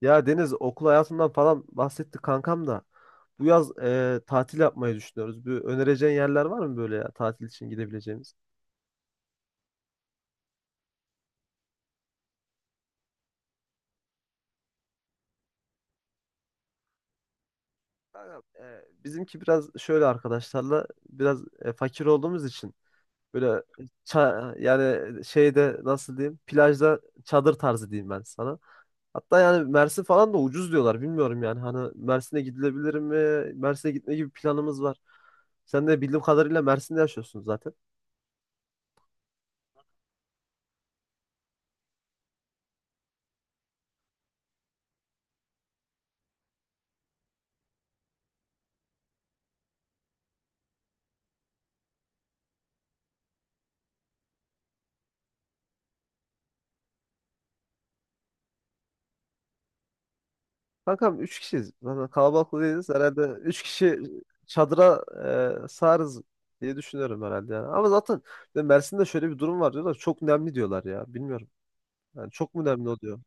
Ya Deniz okul hayatından falan bahsetti kankam da. Bu yaz tatil yapmayı düşünüyoruz. Bir önereceğin yerler var mı böyle ya tatil için gidebileceğimiz? Kankam, bizimki biraz şöyle arkadaşlarla biraz fakir olduğumuz için böyle yani şeyde nasıl diyeyim plajda çadır tarzı diyeyim ben sana. Hatta yani Mersin falan da ucuz diyorlar. Bilmiyorum yani. Hani Mersin'e gidilebilir mi? Mersin'e gitme gibi planımız var. Sen de bildiğim kadarıyla Mersin'de yaşıyorsun zaten. Kankam 3 kişiyiz. Zaten kalabalık da değiliz. Herhalde üç kişi çadıra sığarız diye düşünüyorum herhalde yani. Ama zaten Mersin'de şöyle bir durum var diyorlar. Çok nemli diyorlar ya. Bilmiyorum. Yani çok mu nemli oluyor?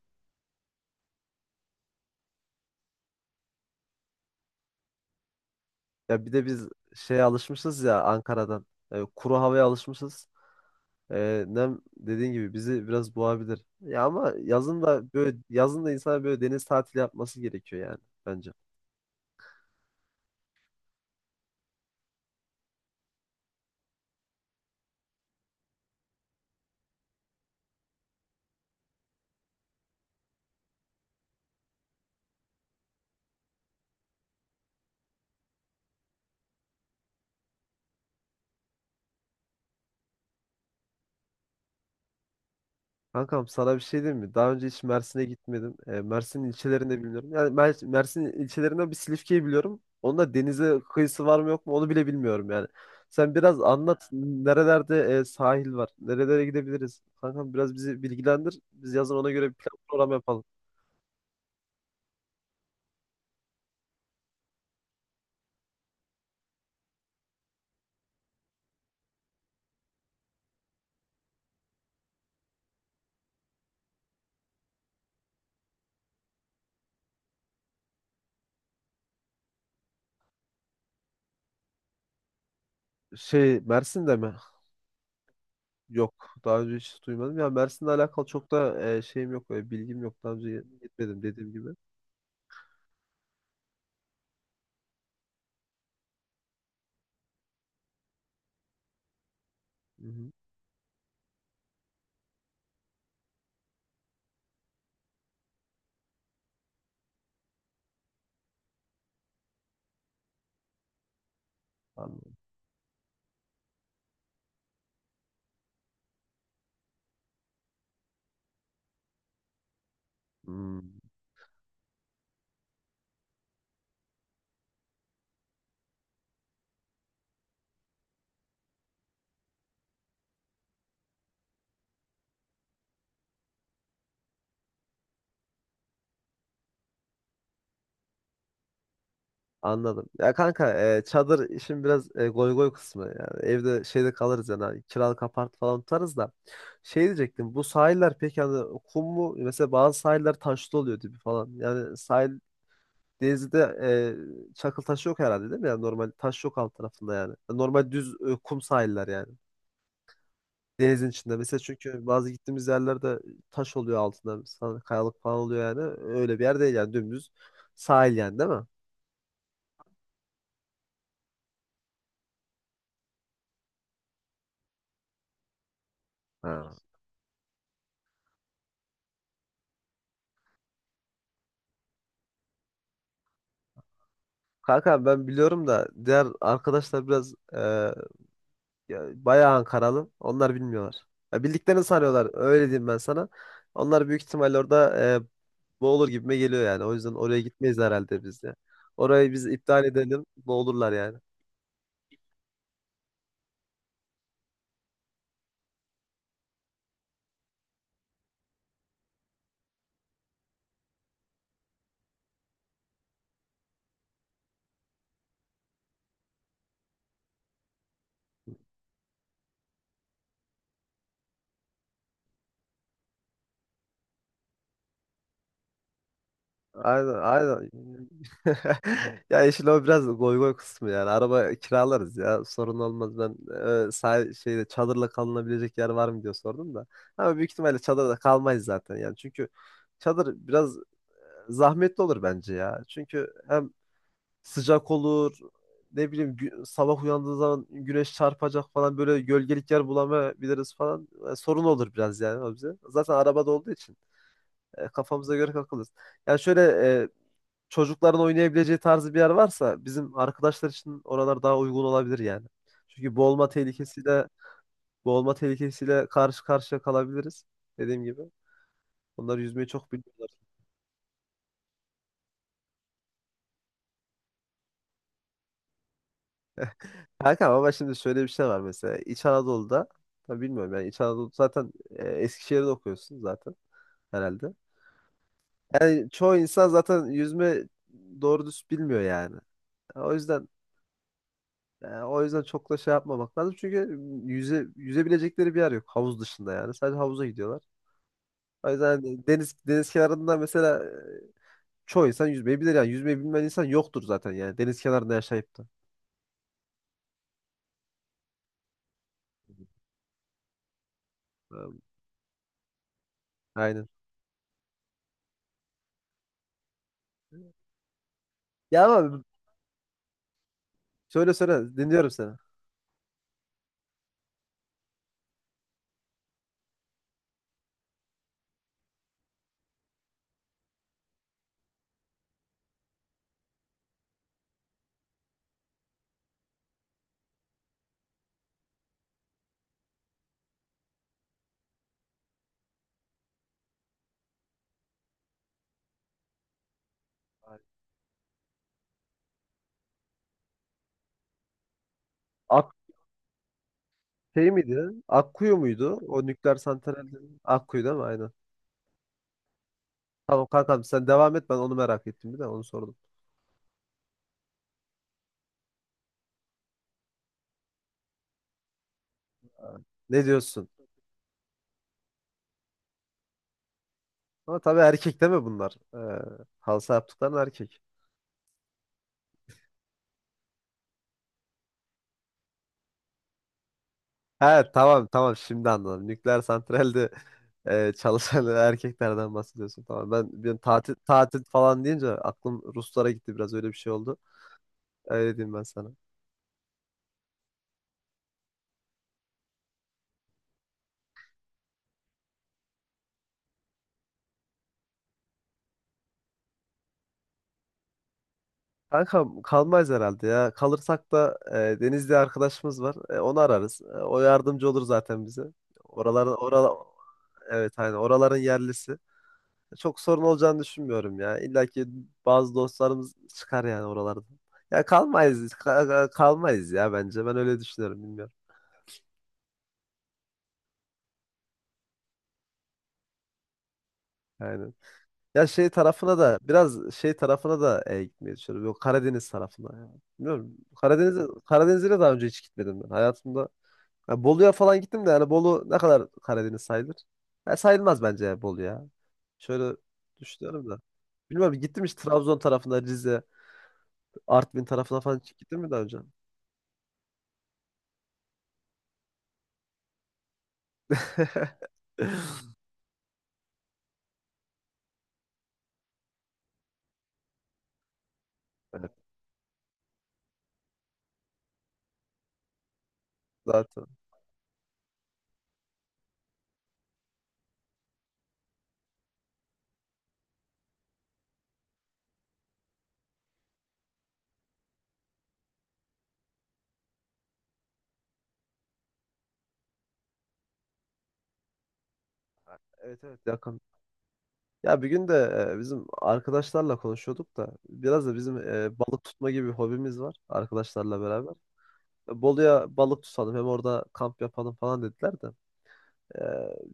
Ya bir de biz şeye alışmışız ya Ankara'dan. Kuru havaya alışmışız. Nem dediğin gibi bizi biraz boğabilir. Ya ama yazın da böyle yazın da insana böyle deniz tatili yapması gerekiyor yani bence. Kankam sana bir şey diyeyim mi? Daha önce hiç Mersin'e gitmedim. Mersin ilçelerinde bilmiyorum. Yani Mersin ilçelerinden bir Silifke'yi biliyorum. Onun da denize kıyısı var mı yok mu onu bile bilmiyorum yani. Sen biraz anlat. Nerelerde sahil var? Nerelere gidebiliriz? Kankam biraz bizi bilgilendir. Biz yazın ona göre bir plan program yapalım. Şey Mersin'de mi? Yok. Daha önce hiç duymadım. Ya Mersin'le alakalı çok da şeyim yok. Bilgim yok. Daha önce gitmedim dediğim gibi. Hı hı. Anladım. Hmm, anladım. Ya kanka çadır işin biraz goy goy kısmı. Yani evde şeyde kalırız yani. Hani kiralık apart falan tutarız da. Şey diyecektim. Bu sahiller peki hani kum mu? Mesela bazı sahiller taşlı oluyor dibi falan. Yani sahil Denizli'de çakıl taşı yok herhalde değil mi? Yani normal taş yok alt tarafında yani. Normal düz kum sahiller yani. Denizin içinde. Mesela çünkü bazı gittiğimiz yerlerde taş oluyor altında. Mesela kayalık falan oluyor yani. Öyle bir yer değil yani dümdüz sahil yani değil mi? Ha. Kanka ben biliyorum da diğer arkadaşlar biraz ya, bayağı Ankaralı. Onlar bilmiyorlar. Ya, bildiklerini sanıyorlar. Öyle diyeyim ben sana. Onlar büyük ihtimalle orada boğulur gibime geliyor yani. O yüzden oraya gitmeyiz herhalde biz de. Orayı biz iptal edelim. Boğulurlar yani. Aynen aynen. Ya işin o biraz goy goy kısmı yani. Araba kiralarız ya. Sorun olmaz. Ben şeyde çadırla kalınabilecek yer var mı diye sordum da. Ama büyük ihtimalle çadırda kalmayız zaten yani. Çünkü çadır biraz zahmetli olur bence ya. Çünkü hem sıcak olur. Ne bileyim sabah uyandığı zaman güneş çarpacak falan böyle gölgelik yer bulamayabiliriz falan. Sorun olur biraz yani o bize. Zaten arabada olduğu için kafamıza göre kalkarız. Yani şöyle çocukların oynayabileceği tarzı bir yer varsa bizim arkadaşlar için oralar daha uygun olabilir yani. Çünkü boğulma tehlikesiyle karşı karşıya kalabiliriz. Dediğim gibi. Onlar yüzmeyi çok bilmiyorlar. Kanka ama şimdi şöyle bir şey var mesela. İç Anadolu'da tabii bilmiyorum yani İç Anadolu zaten Eskişehir'de okuyorsun zaten herhalde. Yani çoğu insan zaten yüzme doğru düz bilmiyor yani. O yüzden Yani o yüzden çok da şey yapmamak lazım. Çünkü yüzebilecekleri bir yer yok. Havuz dışında yani. Sadece havuza gidiyorlar. O yüzden hani deniz kenarında mesela çoğu insan yüzmeyi bilir yani. Yüzmeyi bilmeyen insan yoktur zaten yani. Deniz kenarında yaşayıp da. E, Aynen. Ya ama söyle dinliyorum seni. Ak Şey miydi? Akkuyu muydu? O nükleer santral Akkuyu değil mi? Aynen. Tamam kankam sen devam et ben onu merak ettim bir de onu sordum. Ne diyorsun? Ama tabii erkek değil mi bunlar? Halsa yaptıkların erkek. Ha tamam tamam şimdi anladım. Nükleer santralde çalışan erkeklerden bahsediyorsun. Tamam ben bir tatil falan deyince aklım Ruslara gitti biraz öyle bir şey oldu. Öyle diyeyim ben sana. Kanka kalmayız herhalde ya. Kalırsak da Deniz diye arkadaşımız var. Onu ararız. O yardımcı olur zaten bize. Oralar evet hani oraların yerlisi. Çok sorun olacağını düşünmüyorum ya. İlla ki bazı dostlarımız çıkar yani oralardan. Ya kalmayız, kalmayız ya bence. Ben öyle düşünüyorum, bilmiyorum. Aynen. Ya şey tarafına da biraz şey tarafına da gitmeyi düşünüyorum. Yok Karadeniz tarafına. Ya. Bilmiyorum. Karadeniz'e de daha önce hiç gitmedim ben hayatımda. Ya Bolu'ya falan gittim de yani Bolu ne kadar Karadeniz sayılır? Ya sayılmaz bence ya Bolu ya. Şöyle düşünüyorum da. Bilmiyorum gittim hiç Trabzon tarafına, Rize, Artvin tarafına falan hiç gittim mi daha önce? Evet, zaten. Evet evet yakın. Ya bir gün de bizim arkadaşlarla konuşuyorduk da biraz da bizim balık tutma gibi bir hobimiz var arkadaşlarla beraber. Bolu'ya balık tutalım hem orada kamp yapalım falan dediler de. E,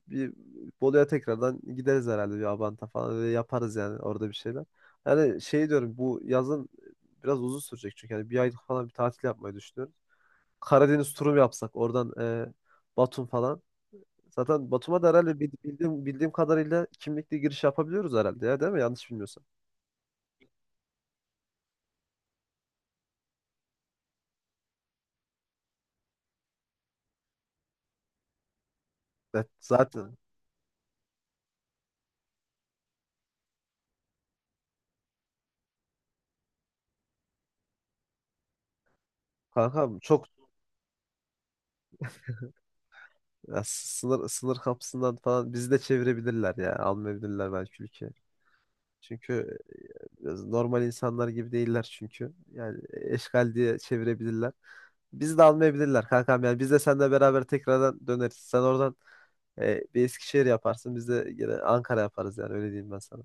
bir Bolu'ya tekrardan gideriz herhalde bir Abant'a falan öyle yaparız yani orada bir şeyler. Yani şey diyorum bu yazın biraz uzun sürecek çünkü yani bir aylık falan bir tatil yapmayı düşünüyorum. Karadeniz turu mu yapsak oradan Batum falan. Zaten Batum'a da herhalde bildiğim, kadarıyla kimlikle giriş yapabiliyoruz herhalde ya değil mi? Yanlış bilmiyorsam. Evet, zaten kankam çok ya, sınır kapısından falan bizi de çevirebilirler ya. Almayabilirler belki ülke. Çünkü biraz normal insanlar gibi değiller çünkü. Yani eşkal diye çevirebilirler. Bizi de almayabilirler kankam yani. Biz de seninle beraber tekrardan döneriz. Sen oradan bir Eskişehir yaparsın. Biz de yine Ankara yaparız yani öyle diyeyim ben sana.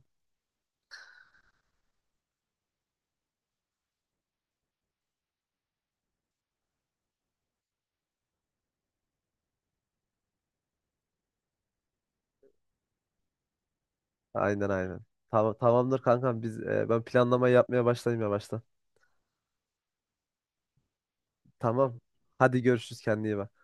Aynen aynen. Tamam, tamamdır kankam biz ben planlamayı yapmaya başlayayım yavaştan. Tamam. Hadi görüşürüz kendine iyi bak.